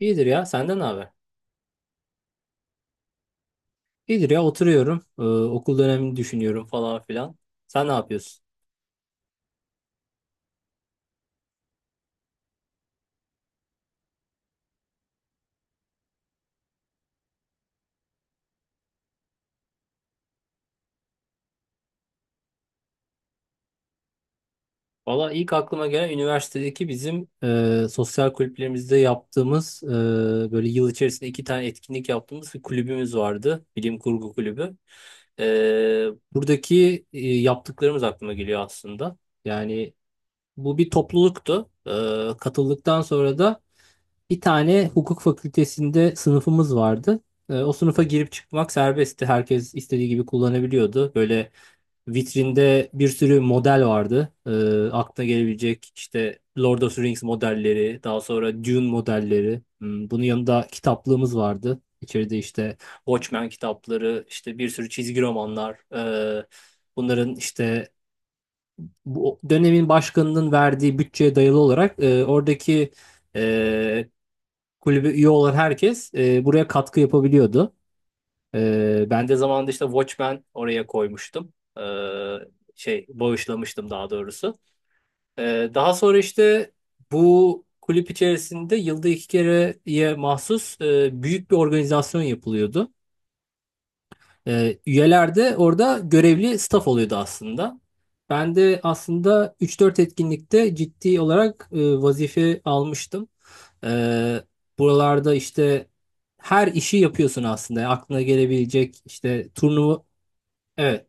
İyidir ya. Senden ne haber? İyidir ya. Oturuyorum. Okul dönemini düşünüyorum falan filan. Sen ne yapıyorsun? Valla ilk aklıma gelen üniversitedeki bizim sosyal kulüplerimizde yaptığımız böyle yıl içerisinde iki tane etkinlik yaptığımız bir kulübümüz vardı. Bilim Kurgu Kulübü. E, buradaki yaptıklarımız aklıma geliyor aslında. Yani bu bir topluluktu. Katıldıktan sonra da bir tane hukuk fakültesinde sınıfımız vardı. O sınıfa girip çıkmak serbestti. Herkes istediği gibi kullanabiliyordu. Böyle vitrinde bir sürü model vardı. Aklına gelebilecek işte Lord of the Rings modelleri, daha sonra Dune modelleri. Bunun yanında kitaplığımız vardı. İçeride işte Watchmen kitapları, işte bir sürü çizgi romanlar. Bunların işte bu dönemin başkanının verdiği bütçeye dayalı olarak oradaki e, kulübe üye olan herkes buraya katkı yapabiliyordu. Ben de zamanında işte Watchmen oraya koymuştum. Şey bağışlamıştım daha doğrusu. Daha sonra işte bu kulüp içerisinde yılda iki kereye mahsus büyük bir organizasyon yapılıyordu. Üyeler de orada görevli staff oluyordu aslında. Ben de aslında üç dört etkinlikte ciddi olarak vazife almıştım. Ee, buralarda işte her işi yapıyorsun aslında. Yani aklına gelebilecek işte turnuva. Evet.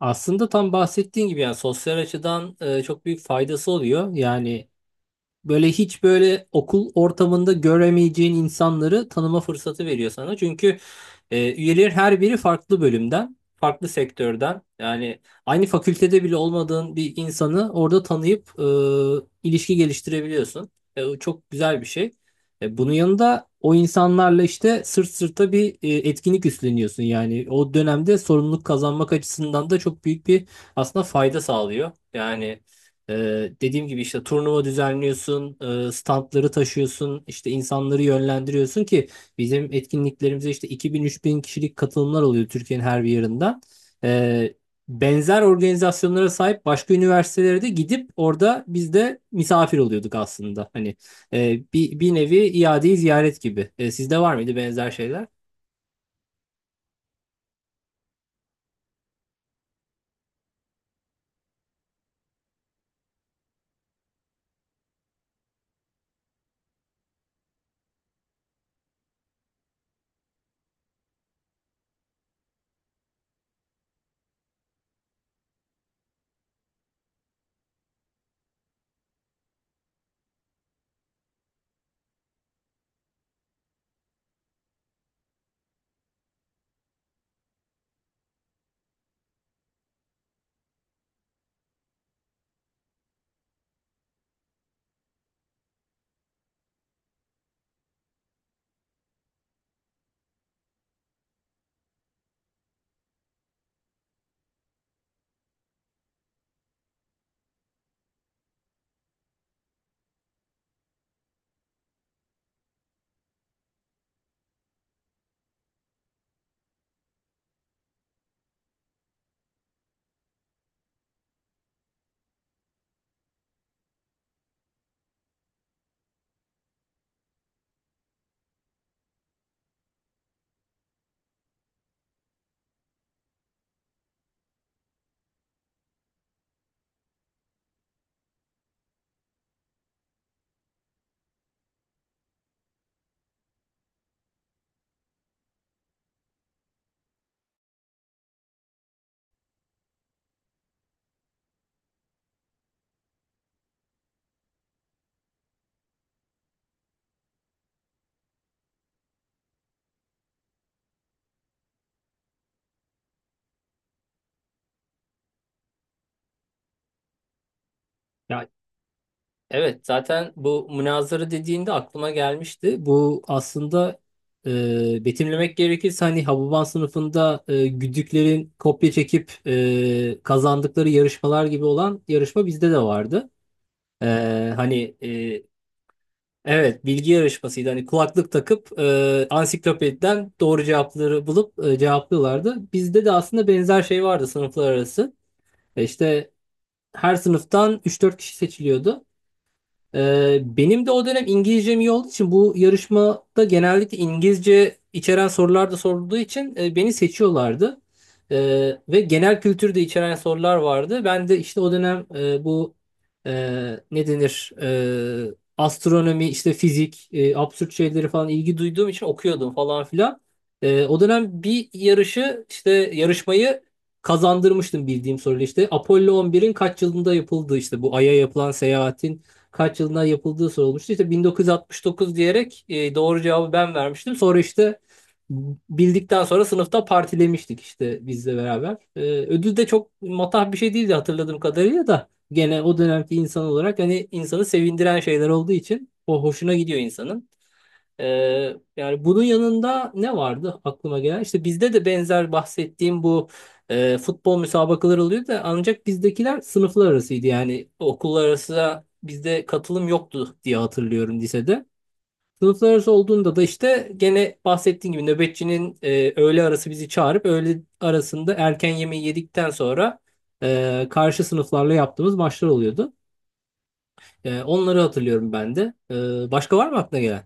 Aslında tam bahsettiğin gibi yani sosyal açıdan çok büyük faydası oluyor. Yani böyle hiç böyle okul ortamında göremeyeceğin insanları tanıma fırsatı veriyor sana. Çünkü üyeler her biri farklı bölümden, farklı sektörden. Yani aynı fakültede bile olmadığın bir insanı orada tanıyıp ilişki geliştirebiliyorsun. O çok güzel bir şey. Bunun yanında o insanlarla işte sırt sırta bir etkinlik üstleniyorsun. Yani o dönemde sorumluluk kazanmak açısından da çok büyük bir aslında fayda sağlıyor. Yani e, dediğim gibi işte turnuva düzenliyorsun, standları taşıyorsun, işte insanları yönlendiriyorsun ki bizim etkinliklerimize işte 2000 bin kişilik katılımlar oluyor Türkiye'nin her bir yerinden. Ee, benzer organizasyonlara sahip başka üniversitelere de gidip orada biz de misafir oluyorduk aslında. Hani bir nevi iade-i ziyaret gibi. Sizde var mıydı benzer şeyler? Ya, evet, zaten bu münazara dediğinde aklıma gelmişti. Bu aslında betimlemek gerekirse hani Hababam sınıfında güdüklerin kopya çekip kazandıkları yarışmalar gibi olan yarışma bizde de vardı. E, hani evet bilgi yarışmasıydı. Hani kulaklık takıp ansiklopediden doğru cevapları bulup cevaplıyorlardı. Bizde de aslında benzer şey vardı sınıflar arası. İşte her sınıftan üç dört kişi seçiliyordu. Benim de o dönem İngilizcem iyi olduğu için bu yarışmada genellikle İngilizce içeren sorular da sorulduğu için beni seçiyorlardı. Ve genel kültür de içeren sorular vardı. Ben de işte o dönem bu e, ne denir astronomi, işte fizik, absürt şeyleri falan ilgi duyduğum için okuyordum falan filan. O dönem bir yarışı işte yarışmayı kazandırmıştım bildiğim soruyla. İşte Apollo 11'in kaç yılında yapıldığı, işte bu Ay'a yapılan seyahatin kaç yılında yapıldığı sorulmuştu. İşte 1969 diyerek doğru cevabı ben vermiştim. Sonra işte bildikten sonra sınıfta partilemiştik işte bizle beraber. Ödül de çok matah bir şey değildi hatırladığım kadarıyla da gene o dönemki insan olarak hani insanı sevindiren şeyler olduğu için o hoşuna gidiyor insanın. Yani bunun yanında ne vardı aklıma gelen? İşte bizde de benzer bahsettiğim bu futbol müsabakaları oluyor da ancak bizdekiler sınıflar arasıydı. Yani okullar arası bizde katılım yoktu diye hatırlıyorum lisede. Sınıflar arası olduğunda da işte gene bahsettiğim gibi nöbetçinin öğle arası bizi çağırıp öğle arasında erken yemeği yedikten sonra karşı sınıflarla yaptığımız maçlar oluyordu. Onları hatırlıyorum ben de. Başka var mı aklına gelen?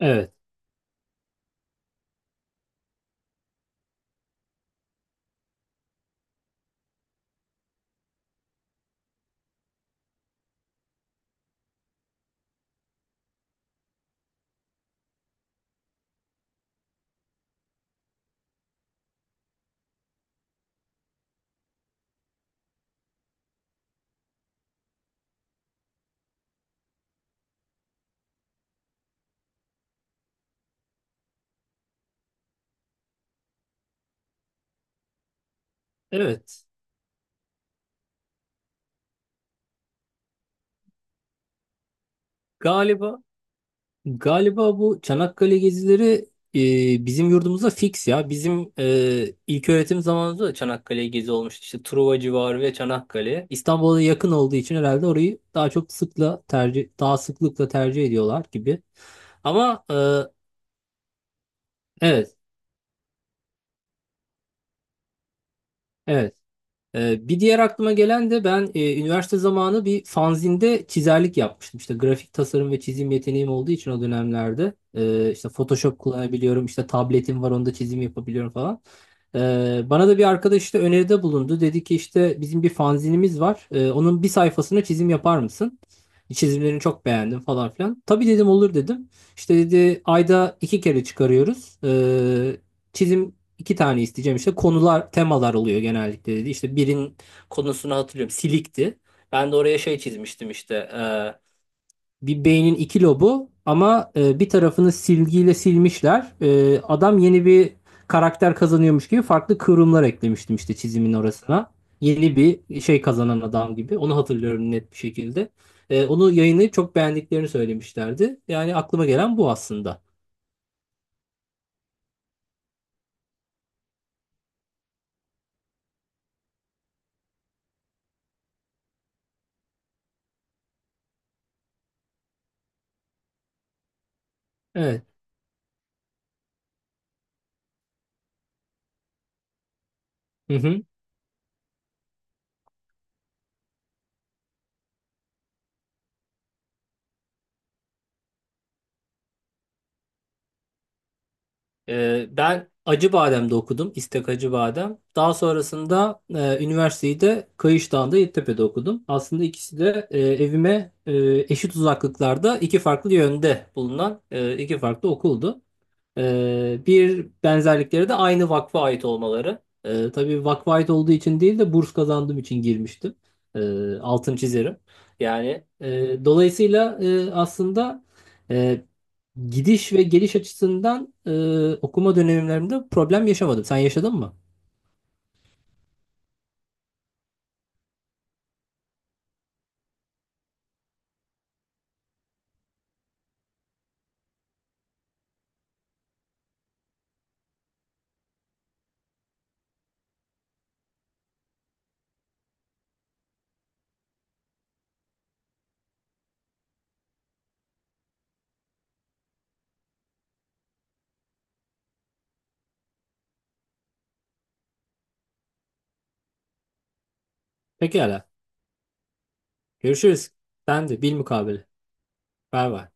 Evet. Evet. Galiba Galiba bu Çanakkale gezileri bizim yurdumuzda fix ya. Bizim ilk öğretim zamanımızda da Çanakkale gezi olmuştu. İşte Truva civarı ve Çanakkale. İstanbul'a da yakın olduğu için herhalde orayı daha çok sıkla tercih daha sıklıkla tercih ediyorlar gibi. Ama evet, evet. Bir diğer aklıma gelen de ben üniversite zamanı bir fanzinde çizerlik yapmıştım. İşte grafik tasarım ve çizim yeteneğim olduğu için o dönemlerde işte Photoshop kullanabiliyorum, işte tabletim var onda çizim yapabiliyorum falan. Ee, bana da bir arkadaş işte öneride bulundu. Dedi ki işte bizim bir fanzinimiz var. Onun bir sayfasına çizim yapar mısın? Çizimlerini çok beğendim falan filan. Tabii dedim, olur dedim. İşte dedi ayda iki kere çıkarıyoruz. Çizim İki tane isteyeceğim işte konular, temalar oluyor genellikle dedi. İşte birin konusunu hatırlıyorum. Silikti. Ben de oraya şey çizmiştim işte. Bir beynin iki lobu ama bir tarafını silgiyle silmişler. Adam yeni bir karakter kazanıyormuş gibi farklı kıvrımlar eklemiştim işte çizimin orasına. Yeni bir şey kazanan adam gibi. Onu hatırlıyorum net bir şekilde. Onu yayınlayıp çok beğendiklerini söylemişlerdi. Yani aklıma gelen bu aslında. Evet. Hı hı. Ben Acıbadem'de okudum. İstek Acıbadem. Daha sonrasında üniversiteyi de Kayışdağ'da Yeditepe'de okudum. Aslında ikisi de evime eşit uzaklıklarda iki farklı yönde bulunan iki farklı okuldu. Bir benzerlikleri de aynı vakfa ait olmaları. Tabii vakfa ait olduğu için değil de burs kazandığım için girmiştim. E, altın çizerim. Yani dolayısıyla aslında... E, Gidiş ve geliş açısından okuma dönemlerimde problem yaşamadım. Sen yaşadın mı? Pekala. Görüşürüz. Ben de bilmukabele. Bay bay.